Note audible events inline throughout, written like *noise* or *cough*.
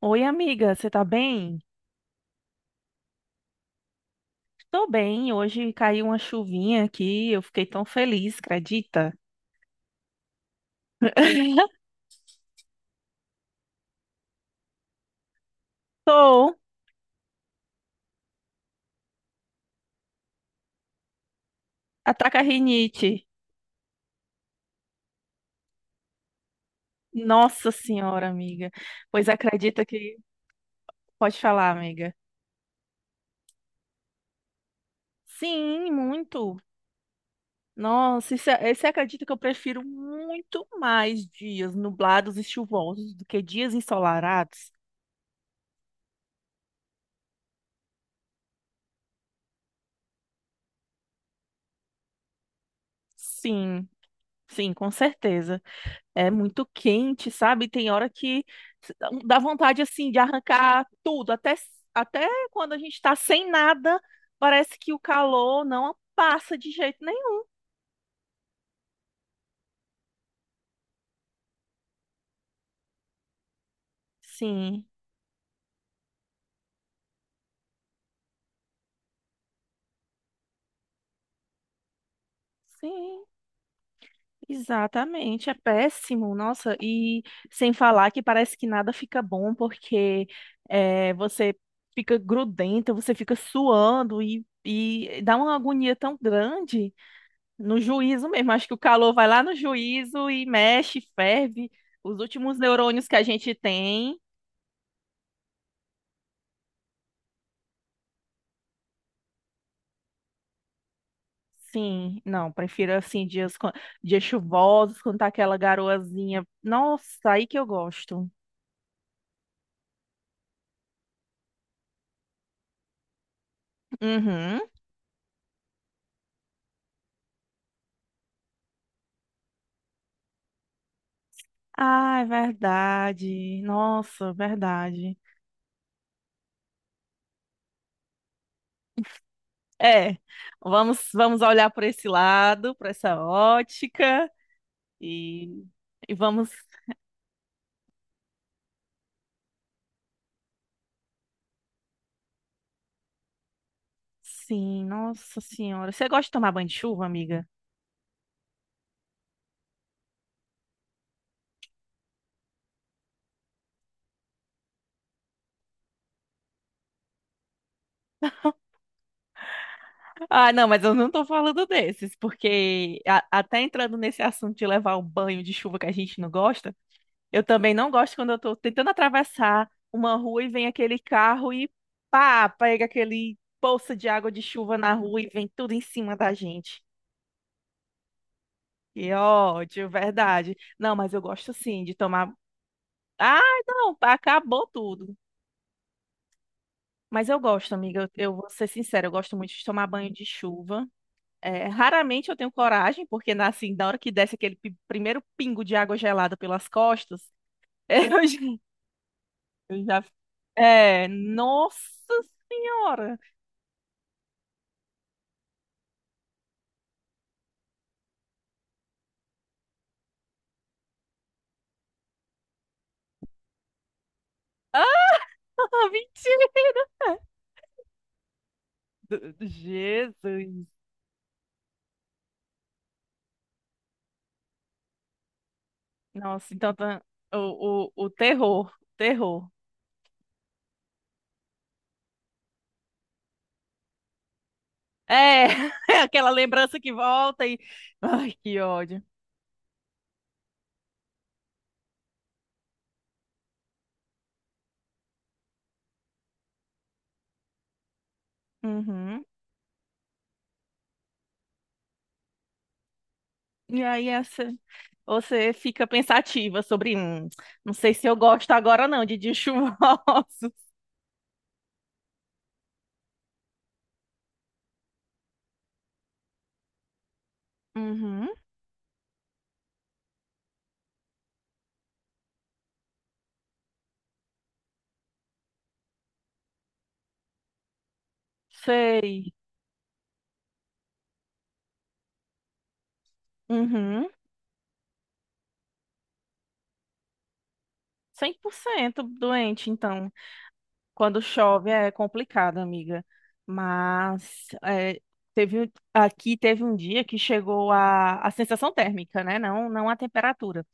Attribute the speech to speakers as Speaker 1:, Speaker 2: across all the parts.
Speaker 1: Oi, amiga, você tá bem? Tô bem, hoje caiu uma chuvinha aqui, eu fiquei tão feliz, acredita? *laughs* Tô, ataca a rinite. Nossa senhora, amiga. Pois acredita que. Pode falar, amiga. Sim, muito. Nossa, e você acredita que eu prefiro muito mais dias nublados e chuvosos do que dias ensolarados? Sim, sim, com certeza. É muito quente, sabe? Tem hora que dá vontade assim de arrancar tudo, até quando a gente está sem nada, parece que o calor não passa de jeito nenhum. Sim, sim, exatamente. É péssimo, nossa. E sem falar que parece que nada fica bom porque você fica grudenta, você fica suando e dá uma agonia tão grande. No juízo mesmo, acho que o calor vai lá no juízo e mexe, ferve os últimos neurônios que a gente tem. Sim, não, prefiro assim dias, dias chuvosos, quando tá aquela garoazinha. Nossa, aí que eu gosto. Uhum. Ah, é verdade. Nossa, verdade. É, vamos, vamos olhar por esse lado, por essa ótica e, vamos. Sim, nossa senhora. Você gosta de tomar banho de chuva, amiga? Ah, não, mas eu não tô falando desses, porque até entrando nesse assunto de levar o banho de chuva que a gente não gosta, eu também não gosto quando eu tô tentando atravessar uma rua e vem aquele carro e pá, pega aquele poça de água de chuva na rua e vem tudo em cima da gente. Que ódio, verdade. Não, mas eu gosto sim de tomar. Ah, não, acabou tudo. Mas eu gosto, amiga, eu vou ser sincera, eu gosto muito de tomar banho de chuva. É, raramente eu tenho coragem, porque na, assim, na hora que desce aquele primeiro pingo de água gelada pelas costas, *laughs* eu já, eu já- É, nossa senhora! Ah, *laughs* mentira! Jesus! Nossa, então tá, o terror, o terror. É, *laughs* é aquela lembrança que volta e. Ai, que ódio. Uhum. E aí essa, você fica pensativa sobre, não sei se eu gosto agora não de dias chuvosos. Uhum, sei. Uhum, 100% doente, então, quando chove é complicado, amiga. Mas é, aqui teve um dia que chegou a, sensação térmica, né? Não, não a temperatura,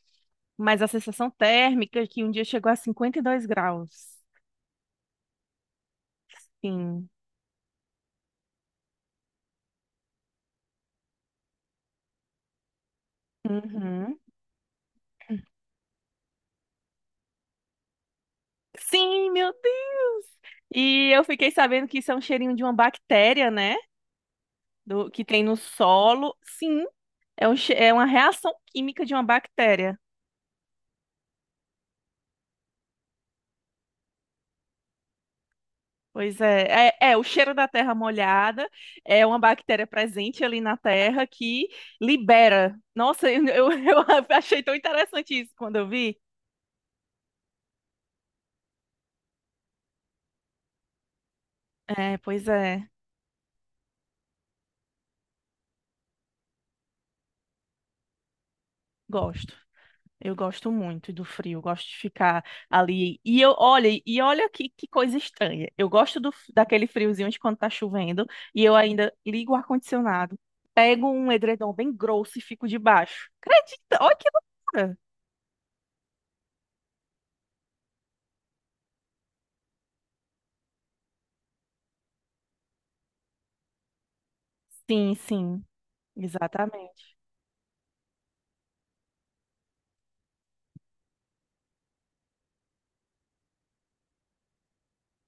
Speaker 1: mas a sensação térmica que um dia chegou a 52 graus. Sim. Uhum. Sim, meu Deus! E eu fiquei sabendo que isso é um cheirinho de uma bactéria, né? Do, que tem no solo. Sim, é, é uma reação química de uma bactéria. Pois é, o cheiro da terra molhada é uma bactéria presente ali na terra que libera. Nossa, *laughs* eu achei tão interessante isso quando eu vi. É, pois é, gosto. Eu gosto muito do frio, eu gosto de ficar ali. E eu, olha, e olha que coisa estranha. Eu gosto daquele friozinho de quando tá chovendo e eu ainda ligo o ar-condicionado, pego um edredom bem grosso e fico debaixo. Acredita? Olha que loucura! Sim, sim, exatamente.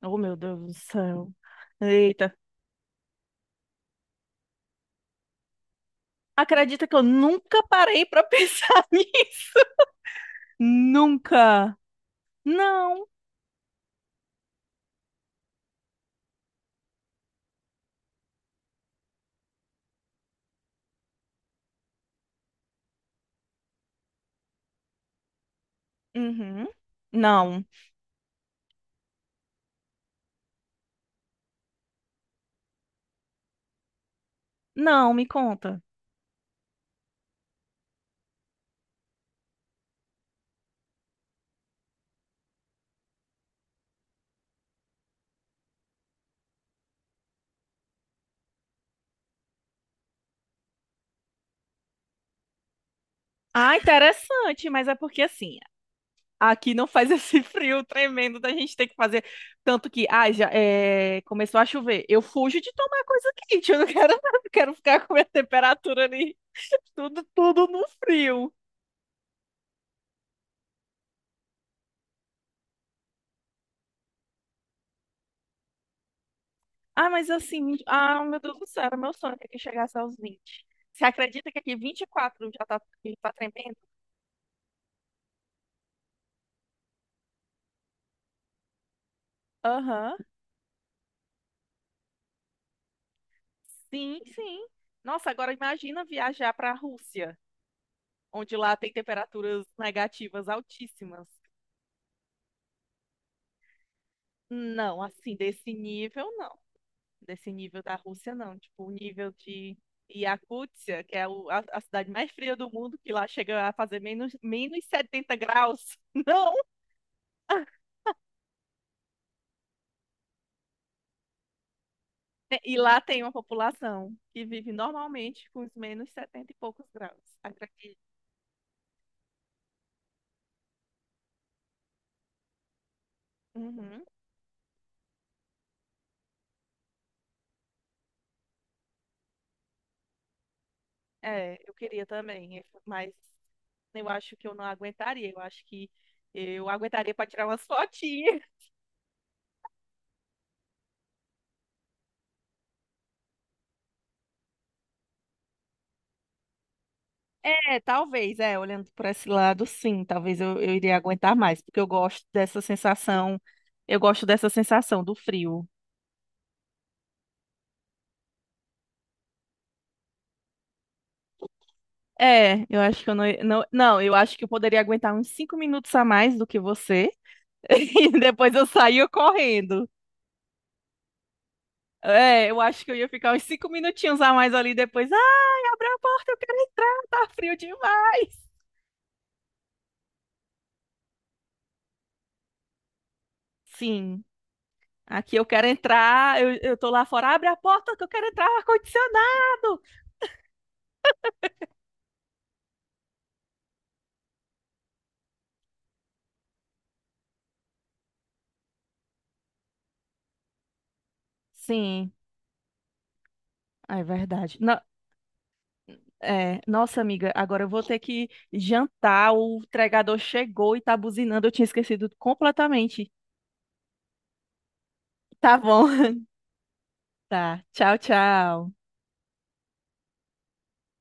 Speaker 1: Oh, meu Deus do céu. Eita. Acredita que eu nunca parei pra *laughs* pensar nisso? Nunca. Não. Uhum. Não. Não, me conta. Ah, interessante, mas é porque assim, aqui não faz esse *laughs* frio tremendo da gente ter que fazer. Tanto que, ah, já é, começou a chover. Eu fujo de tomar coisa quente, eu não quero, *laughs* não quero ficar com a minha temperatura ali, tudo no frio. Ah, mas assim, ah, meu Deus do céu, era meu sonho que aqui chegasse aos 20. Você acredita que aqui 24 já tá tremendo? Aham. Sim, sim. Nossa, agora imagina viajar para a Rússia, onde lá tem temperaturas negativas altíssimas. Não, assim, desse nível, não. Desse nível da Rússia, não. Tipo, o nível de Iacútia, que é a cidade mais fria do mundo, que lá chega a fazer menos 70 graus. *laughs* Não! E lá tem uma população que vive normalmente com os menos 70 e poucos graus. Acredito. Uhum. É, eu queria também, mas eu acho que eu não aguentaria. Eu acho que eu aguentaria para tirar umas fotinhas. É, talvez, é, olhando por esse lado, sim, talvez eu iria aguentar mais, porque eu gosto dessa sensação, eu gosto dessa sensação do frio. É, eu acho que eu não, não, não, eu acho que eu poderia aguentar uns 5 minutos a mais do que você, *laughs* e depois eu saía correndo. É, eu acho que eu ia ficar uns 5 minutinhos a mais ali depois. Ai, abre a porta, eu quero entrar, tá frio demais. Sim, aqui eu quero entrar, eu tô lá fora, abre a porta que eu quero entrar, ar-condicionado. Sim. Ah, é verdade. É, nossa, amiga, agora eu vou ter que jantar. O entregador chegou e tá buzinando. Eu tinha esquecido completamente. Tá bom. *laughs* Tá. Tchau, tchau.